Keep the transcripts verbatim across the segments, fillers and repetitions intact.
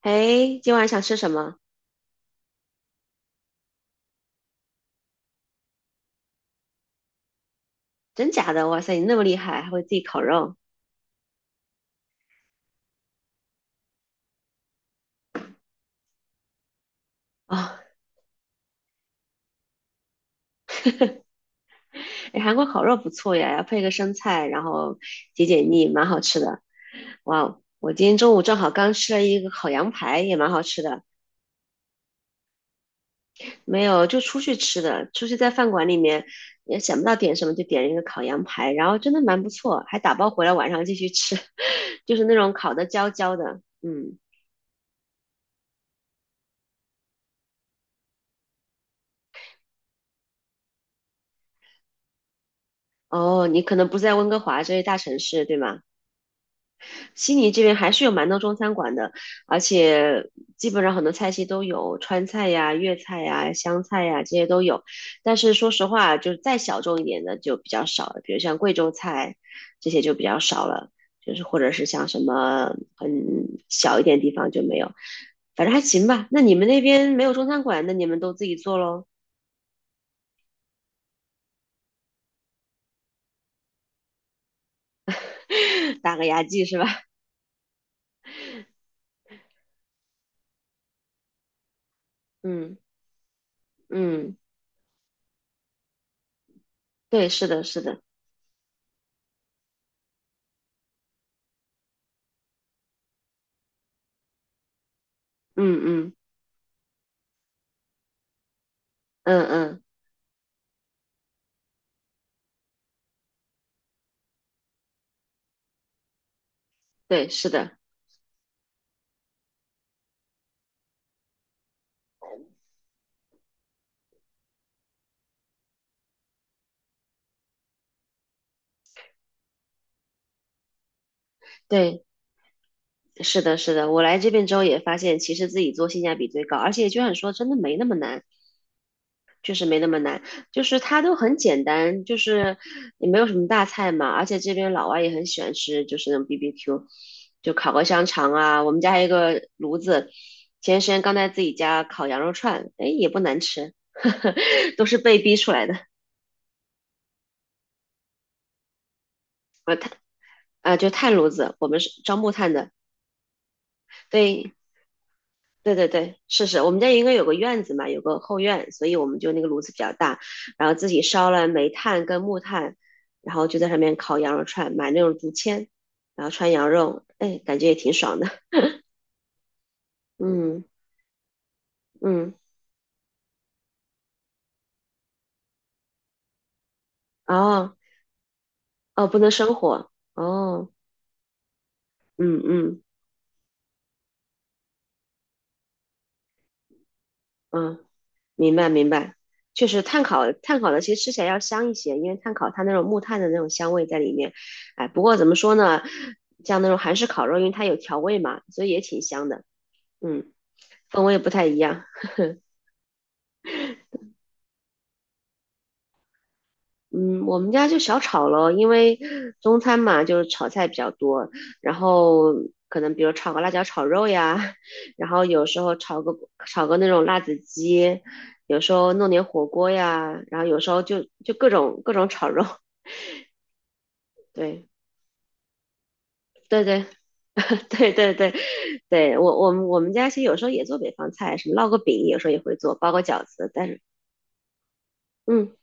哎，今晚想吃什么？真假的？哇塞，你那么厉害，还会自己烤肉啊？哎，韩国烤肉不错呀，要配个生菜，然后解解腻，蛮好吃的。哇哦我今天中午正好刚吃了一个烤羊排，也蛮好吃的。没有，就出去吃的，出去在饭馆里面也想不到点什么，就点了一个烤羊排，然后真的蛮不错，还打包回来晚上继续吃，就是那种烤的焦焦的。嗯，哦，你可能不在温哥华这些大城市，对吗？悉尼这边还是有蛮多中餐馆的，而且基本上很多菜系都有，川菜呀、粤菜呀、湘菜呀这些都有。但是说实话，就是再小众一点的就比较少了，比如像贵州菜这些就比较少了，就是或者是像什么很小一点地方就没有。反正还行吧。那你们那边没有中餐馆，那你们都自己做喽，打个牙祭是吧？嗯嗯，对，是的，是的，嗯嗯嗯嗯，对，是的。对，是的，是的，我来这边之后也发现，其实自己做性价比最高，而且就像你说，真的没那么难，确实没那么难，就是它都很简单，就是也没有什么大菜嘛，而且这边老外也很喜欢吃，就是那种 B B Q，就烤个香肠啊，我们家还有一个炉子，前段时间刚在自己家烤羊肉串，哎，也不难吃，都是被逼出来的啊，就炭炉子，我们是樟木炭的，对，对对对，是是，我们家应该有个院子嘛，有个后院，所以我们就那个炉子比较大，然后自己烧了煤炭跟木炭，然后就在上面烤羊肉串，买那种竹签，然后串羊肉，哎，感觉也挺爽的。嗯嗯，哦哦，不能生火，哦，嗯嗯嗯，明白明白，确实炭烤炭烤的其实吃起来要香一些，因为炭烤它那种木炭的那种香味在里面，哎，不过怎么说呢，像那种韩式烤肉，因为它有调味嘛，所以也挺香的。嗯。氛围也不太一样。嗯，我们家就小炒咯，因为中餐嘛，就是炒菜比较多，然后可能比如炒个辣椒炒肉呀，然后有时候炒个炒个那种辣子鸡，有时候弄点火锅呀，然后有时候就就各种各种炒肉，对对对 对对对，对我我们我们家其实有时候也做北方菜，什么烙个饼，有时候也会做，包个饺子，但是嗯，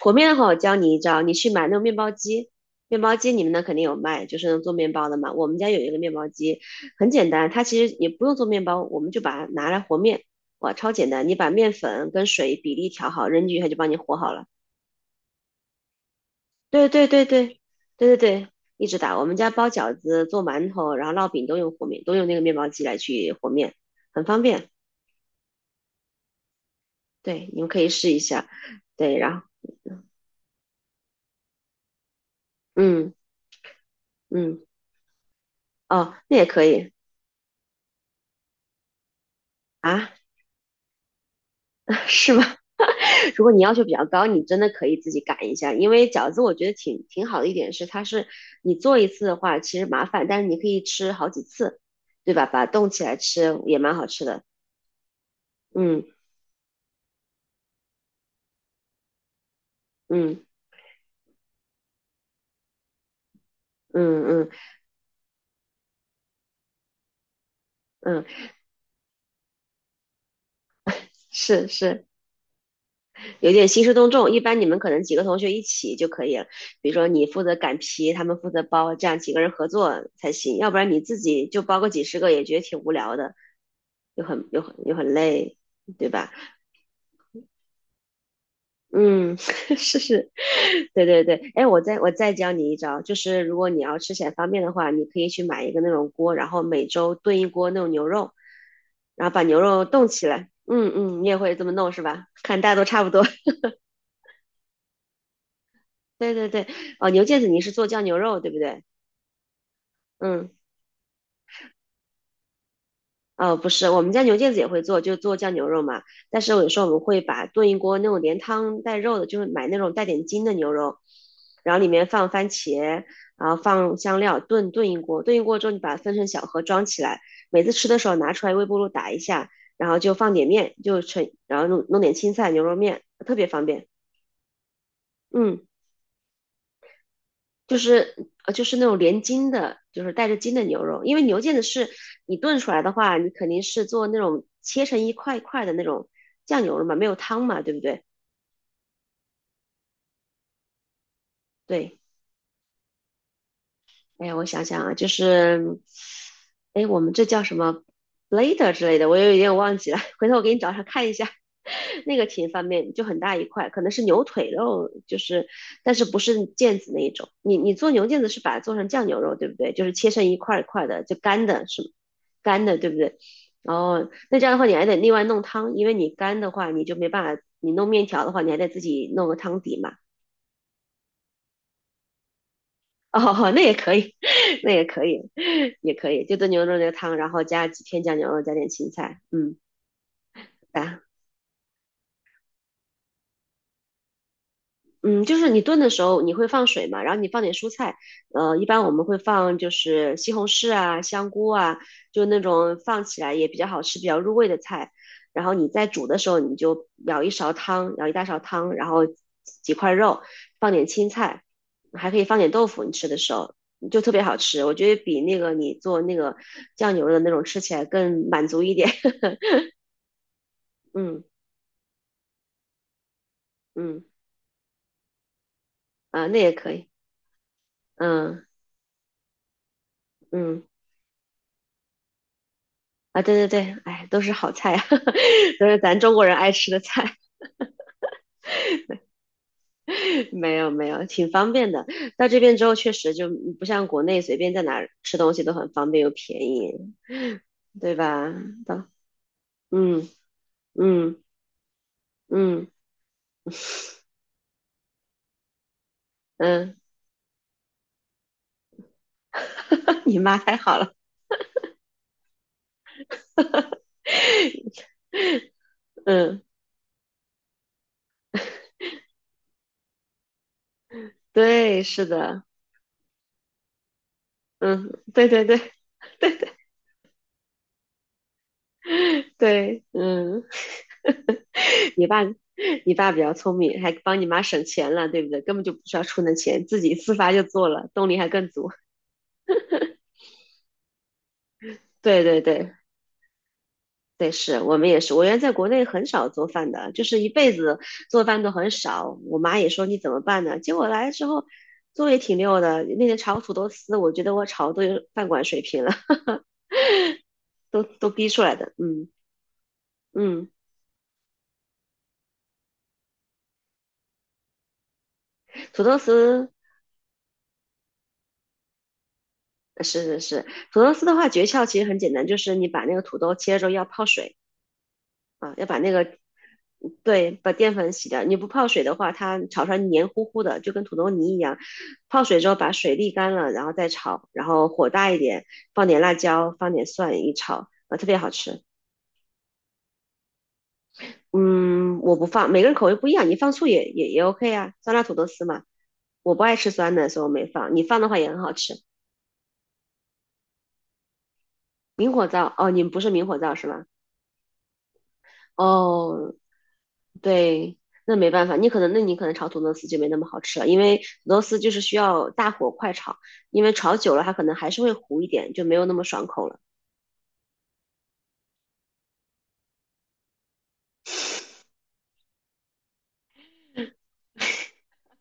和面的话，我教你一招，你去买那种面包机，面包机你们那肯定有卖，就是能做面包的嘛。我们家有一个面包机，很简单，它其实也不用做面包，我们就把它拿来和面，哇，超简单！你把面粉跟水比例调好，扔进去它就帮你和好了。对对对对对对对，一直打。我们家包饺子、做馒头，然后烙饼都用和面，都用那个面包机来去和面，很方便。对，你们可以试一下。对，然后嗯嗯哦，那也可以啊，是吗？如果你要求比较高，你真的可以自己擀一下，因为饺子我觉得挺挺好的一点是，它是你做一次的话其实麻烦，但是你可以吃好几次，对吧？把它冻起来吃也蛮好吃的。嗯嗯嗯嗯嗯，是是，有点兴师动众。一般你们可能几个同学一起就可以了，比如说你负责擀皮，他们负责包，这样几个人合作才行，要不然你自己就包个几十个也觉得挺无聊的，又很又很又很累，对吧？嗯，是是，对对对，哎，我再我再教你一招，就是如果你要吃起来方便的话，你可以去买一个那种锅，然后每周炖一锅那种牛肉，然后把牛肉冻起来。嗯嗯，你也会这么弄是吧？看大家都差不多。对对对，哦，牛腱子你是做酱牛肉对不对？嗯。呃，不是，我们家牛腱子也会做，就做酱牛肉嘛。但是有时候我们会把炖一锅那种连汤带肉的，就是买那种带点筋的牛肉，然后里面放番茄，然后放香料炖炖一锅，炖一锅之后你把它分成小盒装起来，每次吃的时候拿出来微波炉打一下，然后就放点面，就成，然后弄弄点青菜牛肉面，特别方便。嗯。就是呃就是那种连筋的，就是带着筋的牛肉，因为牛腱子是你炖出来的话，你肯定是做那种切成一块一块的那种酱牛肉嘛，没有汤嘛，对不对？对。哎呀，我想想啊，就是，哎，我们这叫什么 blader 之类的，我有点忘记了，回头我给你找找看一下。那个挺方便，就很大一块，可能是牛腿肉，就是，但是不是腱子那一种。你你做牛腱子是把它做成酱牛肉，对不对？就是切成一块儿一块儿的，就干的是吗干的，对不对？哦，那这样的话你还得另外弄汤，因为你干的话你就没办法，你弄面条的话你还得自己弄个汤底嘛。哦，那也可以，那也可以，也可以，就炖牛肉那个汤，然后加几片酱牛肉，加点青菜，嗯，来。嗯，就是你炖的时候你会放水嘛，然后你放点蔬菜，呃，一般我们会放就是西红柿啊、香菇啊，就那种放起来也比较好吃、比较入味的菜。然后你在煮的时候，你就舀一勺汤，舀一大勺汤，然后几块肉，放点青菜，还可以放点豆腐。你吃的时候就特别好吃，我觉得比那个你做那个酱牛肉的那种吃起来更满足一点。嗯嗯啊，那也可以。嗯嗯。啊，对对对，哎，都是好菜啊，都是咱中国人爱吃的菜。没有没有，挺方便的。到这边之后，确实就不像国内随便在哪儿吃东西都很方便又便宜，对吧？到，嗯嗯嗯嗯，你妈太好了，嗯，对，是的，嗯，对对对对，嗯，你爸你爸比较聪明，还帮你妈省钱了，对不对？根本就不需要出那钱，自己自发就做了，动力还更足。对对对，对，是我们也是。我原来在国内很少做饭的，就是一辈子做饭都很少。我妈也说你怎么办呢？结果来之后做也挺溜的。那天炒土豆丝，我觉得我炒都有饭馆水平了，都都逼出来的。嗯嗯，土豆丝呃是是是，土豆丝的话诀窍其实很简单，就是你把那个土豆切了之后要泡水啊，要把那个对，把淀粉洗掉。你不泡水的话，它炒出来黏糊糊的，就跟土豆泥一样。泡水之后把水沥干了，然后再炒，然后火大一点，放点辣椒，放点蒜一炒，啊，特别好吃。嗯，我不放，每个人口味不一样，你放醋也也也 OK 啊，酸辣土豆丝嘛。我不爱吃酸的，所以我没放。你放的话也很好吃。明火灶，哦，你们不是明火灶是吧？哦，对，那没办法，你可能那你可能炒土豆丝就没那么好吃了，因为土豆丝就是需要大火快炒，因为炒久了它可能还是会糊一点，就没有那么爽口了。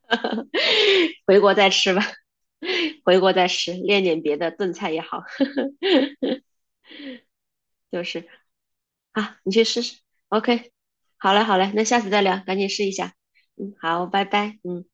回国再吃吧，回国再吃，练点别的炖菜也好。就是啊，你去试试。OK，好嘞好嘞，那下次再聊，赶紧试一下。嗯，好，拜拜，嗯。